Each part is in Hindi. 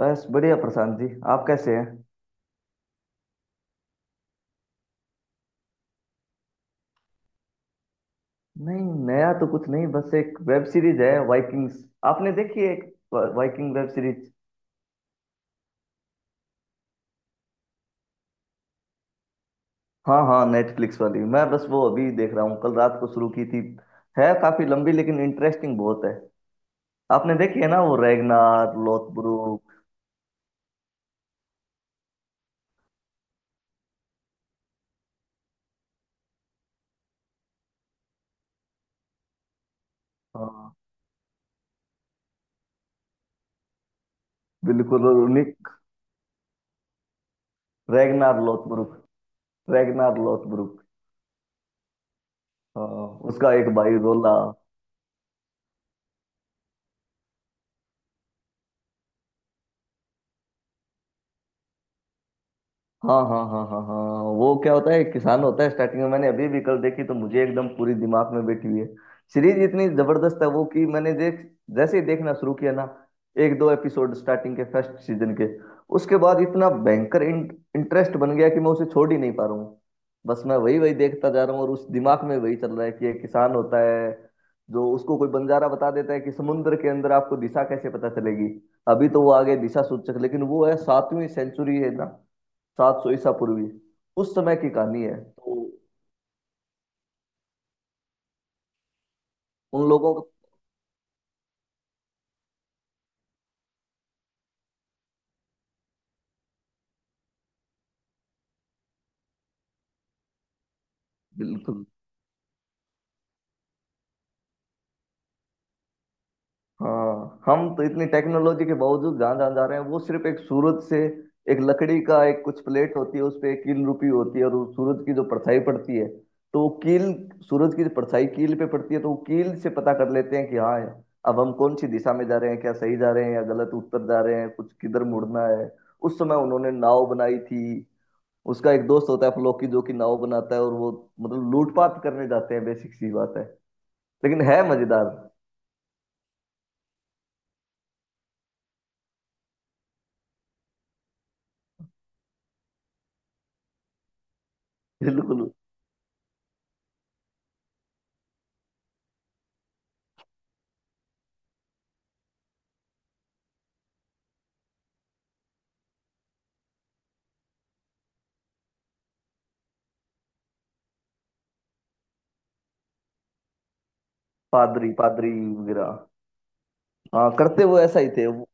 बस बढ़िया प्रशांत जी। आप कैसे हैं। नहीं, नया तो कुछ नहीं। बस एक वेब सीरीज है, वाइकिंग्स। आपने देखी है एक वाइकिंग वेब सीरीज। हाँ हाँ, नेटफ्लिक्स वाली। मैं बस वो अभी देख रहा हूँ, कल रात को शुरू की थी। है काफी लंबी, लेकिन इंटरेस्टिंग बहुत है। आपने देखी है ना, वो रैगनार लोथब्रुक। हाँ बिल्कुल, और Nick. Ragnar Lothbrok. Ragnar Lothbrok. हाँ, उसका एक भाई रोला। हाँ हाँ हाँ हाँ हाँ हाँ। वो क्या होता है, एक किसान होता है स्टार्टिंग में। मैंने अभी भी कल देखी तो मुझे एकदम पूरी दिमाग में बैठी हुई है। सीरीज इतनी जबरदस्त है वो कि मैंने देख, जैसे ही देखना शुरू किया ना, एक दो एपिसोड स्टार्टिंग के फर्स्ट सीजन के, उसके बाद इतना भयंकर इंटरेस्ट बन गया कि मैं उसे छोड़ ही नहीं पा रहा हूँ। बस मैं वही वही देखता जा रहा हूँ, और उस दिमाग में वही चल रहा है कि एक किसान होता है जो उसको कोई बंजारा बता देता है कि समुद्र के अंदर आपको दिशा कैसे पता चलेगी। अभी तो वो आगे दिशा सूचक, लेकिन वो है सातवीं सेंचुरी है ना। 700 ईसा पूर्वी उस समय की कहानी है तो। उन लोगों को, बिल्कुल। हाँ, हम तो इतनी टेक्नोलॉजी के बावजूद जहाँ जहाँ जा रहे हैं वो सिर्फ एक सूरज से। एक लकड़ी का एक कुछ प्लेट होती है, उस पे एक कील रुपी होती है, और उस सूरज की जो परछाई पड़ती है तो वो कील, सूरज की जो परछाई कील पे पड़ती है तो वो कील से पता कर लेते हैं कि हाँ, अब हम कौन सी दिशा में जा रहे हैं, क्या सही जा रहे हैं या गलत, उत्तर जा रहे हैं, कुछ किधर मुड़ना है। उस समय उन्होंने नाव बनाई थी। उसका एक दोस्त होता है फ्लोकी जो कि नाव बनाता है, और वो मतलब लूटपाट करने जाते हैं, बेसिक सी बात है। लेकिन है मजेदार। बिल्कुल। पादरी, पादरी वगैरह। हाँ, करते वो ऐसा ही थे वो।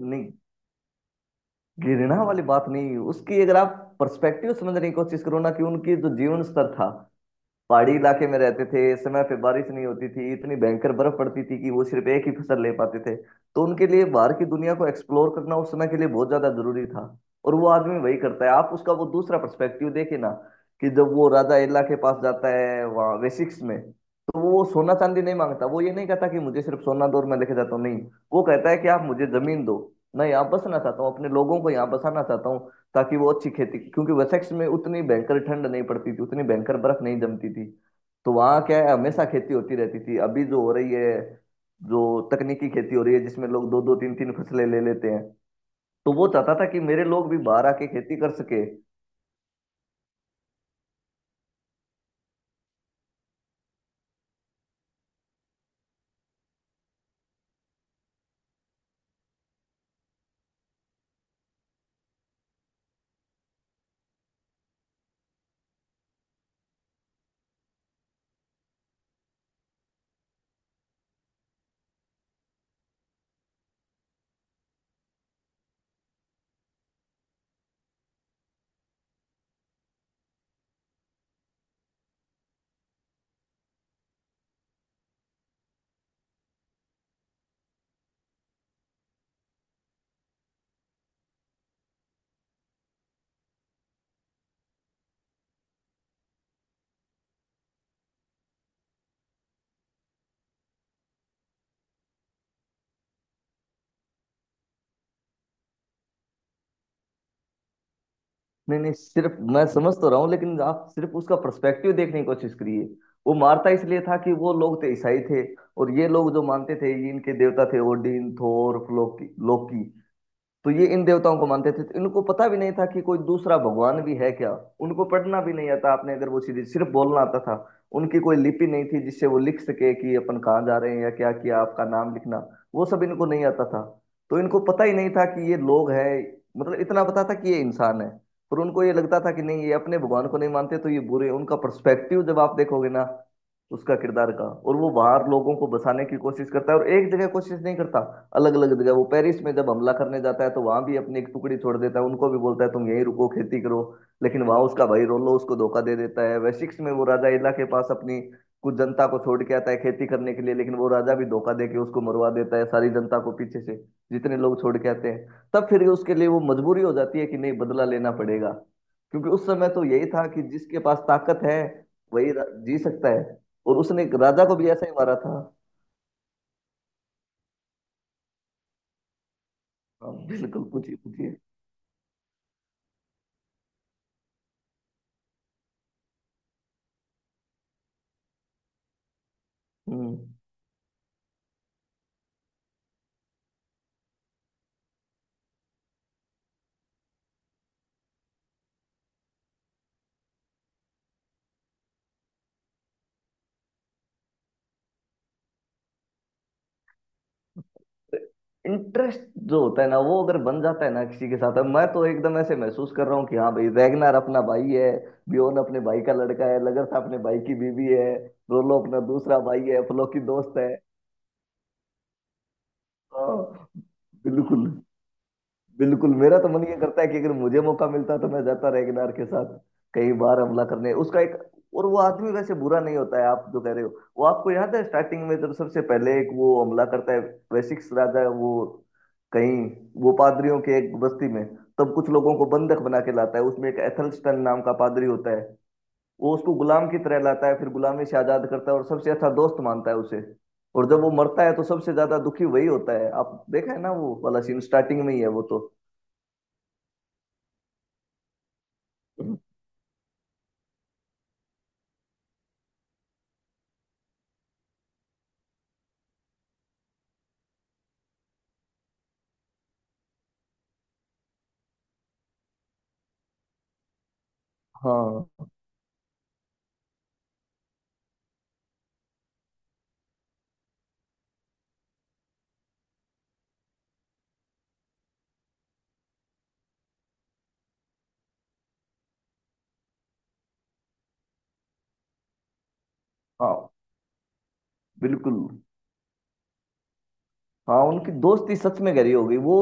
नहीं, घृणा वाली बात नहीं उसकी। अगर आप पर्सपेक्टिव समझने की कोशिश करो ना, कि उनकी जो जीवन स्तर था, पहाड़ी इलाके में रहते थे, समय पे बारिश नहीं होती थी, इतनी भयंकर बर्फ पड़ती थी कि वो सिर्फ एक ही फसल ले पाते थे। तो उनके लिए बाहर की दुनिया को एक्सप्लोर करना उस समय के लिए बहुत ज्यादा जरूरी था। और वो आदमी वही करता है। आप उसका वो दूसरा पर्सपेक्टिव देखे ना, कि जब वो राजा एला के पास जाता है वहाँ वेसिक्स में, तो वो सोना चांदी नहीं मांगता। वो ये नहीं कहता कि मुझे सिर्फ सोना दो और मैं लेके जाता हूँ, नहीं। वो कहता है कि आप मुझे जमीन दो, मैं यहाँ बसना चाहता हूँ, अपने लोगों को यहाँ बसाना चाहता हूँ, ताकि वो अच्छी खेती, क्योंकि वसेक्स में उतनी भयंकर ठंड नहीं पड़ती थी, उतनी भयंकर बर्फ नहीं जमती थी। तो वहाँ क्या है, हमेशा खेती होती रहती थी, अभी जो हो रही है, जो तकनीकी खेती हो रही है, जिसमें लोग दो दो तीन तीन फसलें ले लेते हैं। तो वो चाहता था कि मेरे लोग भी बाहर आके खेती कर सके। नहीं नहीं, सिर्फ मैं समझ तो रहा हूँ, लेकिन आप सिर्फ उसका पर्सपेक्टिव देखने की कोशिश करिए। वो मारता इसलिए था कि वो लोग थे ईसाई थे, और ये लोग जो मानते थे ये इनके देवता थे, ओडिन, थोर, लोकी, लोकी। तो ये इन देवताओं को मानते थे, तो इनको पता भी नहीं था कि कोई दूसरा भगवान भी है क्या। उनको पढ़ना भी नहीं आता, आपने अगर, वो सीधी सिर्फ बोलना आता था। उनकी कोई लिपि नहीं थी जिससे वो लिख सके कि अपन कहाँ जा रहे हैं या क्या किया, आपका नाम लिखना, वो सब इनको नहीं आता था। तो इनको पता ही नहीं था कि ये लोग हैं, मतलब इतना पता था कि ये इंसान है। पर उनको ये लगता था कि नहीं, ये अपने भगवान को नहीं मानते तो ये बुरे हैं। उनका पर्सपेक्टिव जब आप देखोगे ना, तो उसका किरदार का। और वो बाहर लोगों को बसाने की कोशिश करता है, और एक जगह कोशिश नहीं करता, अलग अलग जगह। वो पेरिस में जब हमला करने जाता है तो वहां भी अपनी एक टुकड़ी छोड़ देता है, उनको भी बोलता है तुम यहीं रुको खेती करो। लेकिन वहां उसका भाई रोलो उसको धोखा दे देता है। वेसिक्स में वो राजा इला के पास अपनी कुछ जनता को छोड़ के आता है खेती करने के लिए, लेकिन वो राजा भी धोखा दे के उसको मरवा देता है, सारी जनता को पीछे से, जितने लोग छोड़ के आते हैं। तब फिर उसके लिए वो मजबूरी हो जाती है कि नहीं, बदला लेना पड़ेगा। क्योंकि उस समय तो यही था कि जिसके पास ताकत है वही जी सकता है। और उसने एक राजा को भी ऐसा ही मारा था। हाँ, बिल्कुल, पूछिए पूछिए। हम्म। इंटरेस्ट जो होता है ना, वो अगर बन जाता है ना किसी के साथ। अब मैं तो एकदम ऐसे महसूस कर रहा हूँ कि हाँ भाई, रैगनार अपना भाई है, बियोन अपने भाई का लड़का है, लगरथा अपने भाई की बीवी है, रोलो अपना दूसरा भाई है, फ्लो की दोस्त है। हाँ, बिल्कुल। बिल्कुल, मेरा तो मन ये करता है कि अगर मुझे मौका मिलता तो मैं जाता रेगनार के साथ कई बार हमला करने उसका एक। और वो आदमी वैसे बुरा नहीं होता है। आप जो कह रहे हो, वो आपको याद है स्टार्टिंग में जब सबसे पहले एक वो हमला करता है, वैशिक्स राजा वो, कहीं, वो पादरियों के एक बस्ती में, तब कुछ लोगों को बंधक बना के लाता है। उसमें एक एथलस्टन नाम का पादरी होता है। वो उसको गुलाम की तरह लाता है, फिर गुलामी से आजाद करता है और सबसे अच्छा दोस्त मानता है उसे। और जब वो मरता है तो सबसे ज्यादा दुखी वही होता है। आप देखा है ना वो वाला सीन, स्टार्टिंग में ही है वो तो। हाँ हाँ। बिल्कुल। हाँ, उनकी दोस्ती सच में गहरी हो गई वो।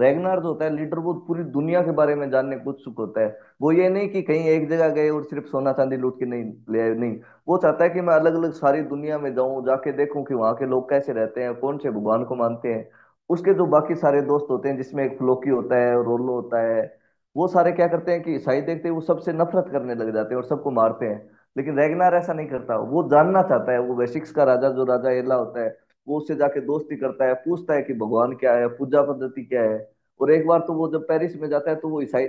रैगनार्ड होता है लीडर, वो पूरी दुनिया के बारे में जानने को उत्सुक होता है। वो ये नहीं कि कहीं एक जगह गए और सिर्फ सोना चांदी लूट के नहीं ले आए, नहीं। वो चाहता है कि मैं अलग अलग सारी दुनिया में जाऊं, जाके देखूं कि वहां के लोग कैसे रहते हैं, कौन से भगवान को मानते हैं। उसके जो बाकी सारे दोस्त होते हैं जिसमें एक फ्लोकी होता है, रोलो होता है, वो सारे क्या करते हैं कि ईसाई देखते ही वो सबसे नफरत करने लग जाते हैं और सबको मारते हैं। लेकिन रैगनार ऐसा नहीं करता, वो जानना चाहता है। वो वेसिक्स का राजा जो राजा एला होता है, वो उससे जाके दोस्ती करता है, पूछता है कि भगवान क्या है, पूजा पद्धति क्या है। और एक बार तो वो जब पेरिस में जाता है तो वो ईसाई,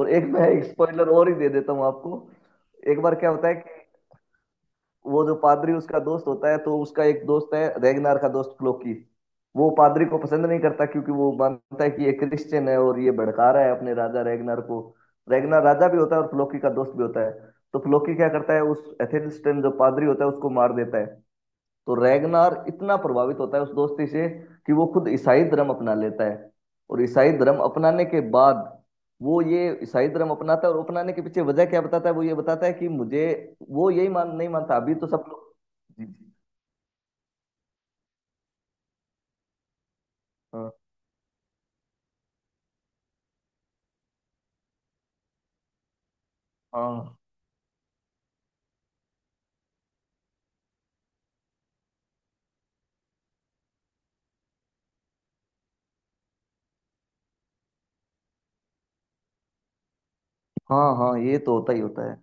और एक मैं एक स्पॉइलर और ही दे देता हूँ आपको। एक बार क्या होता है कि वो जो पादरी उसका दोस्त होता है, तो उसका एक दोस्त है, रेगनार का दोस्त क्लोकी, वो पादरी को पसंद नहीं करता क्योंकि वो मानता है कि ये क्रिश्चियन है और ये भड़का रहा है अपने राजा रेगनार को। रेगनार राजा भी होता है और फ्लोकी का दोस्त भी होता है। तो फ्लोकी क्या करता है, उस एथेनिस्टन जो पादरी होता है उसको मार देता है। तो रैगनार इतना प्रभावित होता है उस दोस्ती से कि वो खुद ईसाई धर्म अपना लेता है। और ईसाई धर्म अपनाने के बाद, वो ये ईसाई धर्म अपनाता है और अपनाने के पीछे वजह क्या बताता है, वो ये बताता है कि मुझे, वो यही मान, नहीं मानता अभी तो सब लोग। जी जी। हाँ हाँ हाँ, हाँ ये तो होता ही होता है।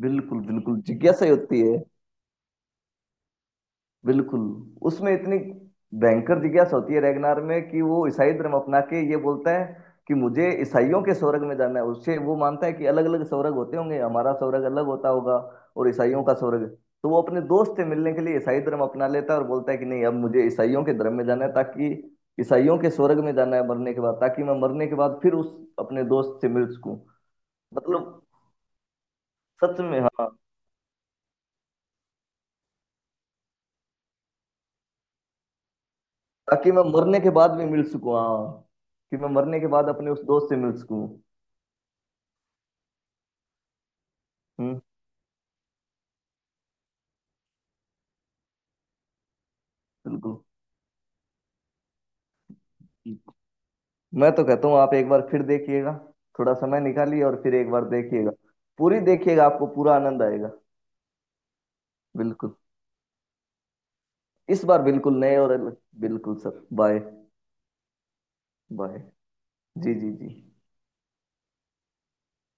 बिल्कुल बिल्कुल, जिज्ञासा ही होती है। बिल्कुल। उसमें इतनी भयंकर जिज्ञासा होती है रैगनार में कि वो ईसाई धर्म अपना के ये बोलता है कि मुझे ईसाइयों के स्वर्ग में जाना है। उससे वो मानता है कि अलग अलग स्वर्ग होते होंगे, हमारा स्वर्ग अलग होता होगा और ईसाइयों का स्वर्ग। तो वो अपने दोस्त से मिलने के लिए ईसाई धर्म अपना लेता है और बोलता है कि नहीं, अब मुझे ईसाइयों के धर्म में जाना है, ताकि ईसाइयों के स्वर्ग में जाना है मरने के बाद, ताकि मैं मरने के बाद फिर उस अपने दोस्त से मिल सकूं। मतलब सच में, हाँ। ताकि मैं मरने के बाद भी मिल सकूं, हाँ। कि मैं मरने के बाद अपने उस दोस्त से मिल सकूं। हम्म। बिल्कुल। मैं तो कहता हूँ आप एक बार फिर देखिएगा, थोड़ा समय निकालिए और फिर एक बार देखिएगा। पूरी देखिएगा, आपको पूरा आनंद आएगा। बिल्कुल। इस बार बिल्कुल नए और अलग, बिल्कुल सर, बाय। बाय। जी जी जी।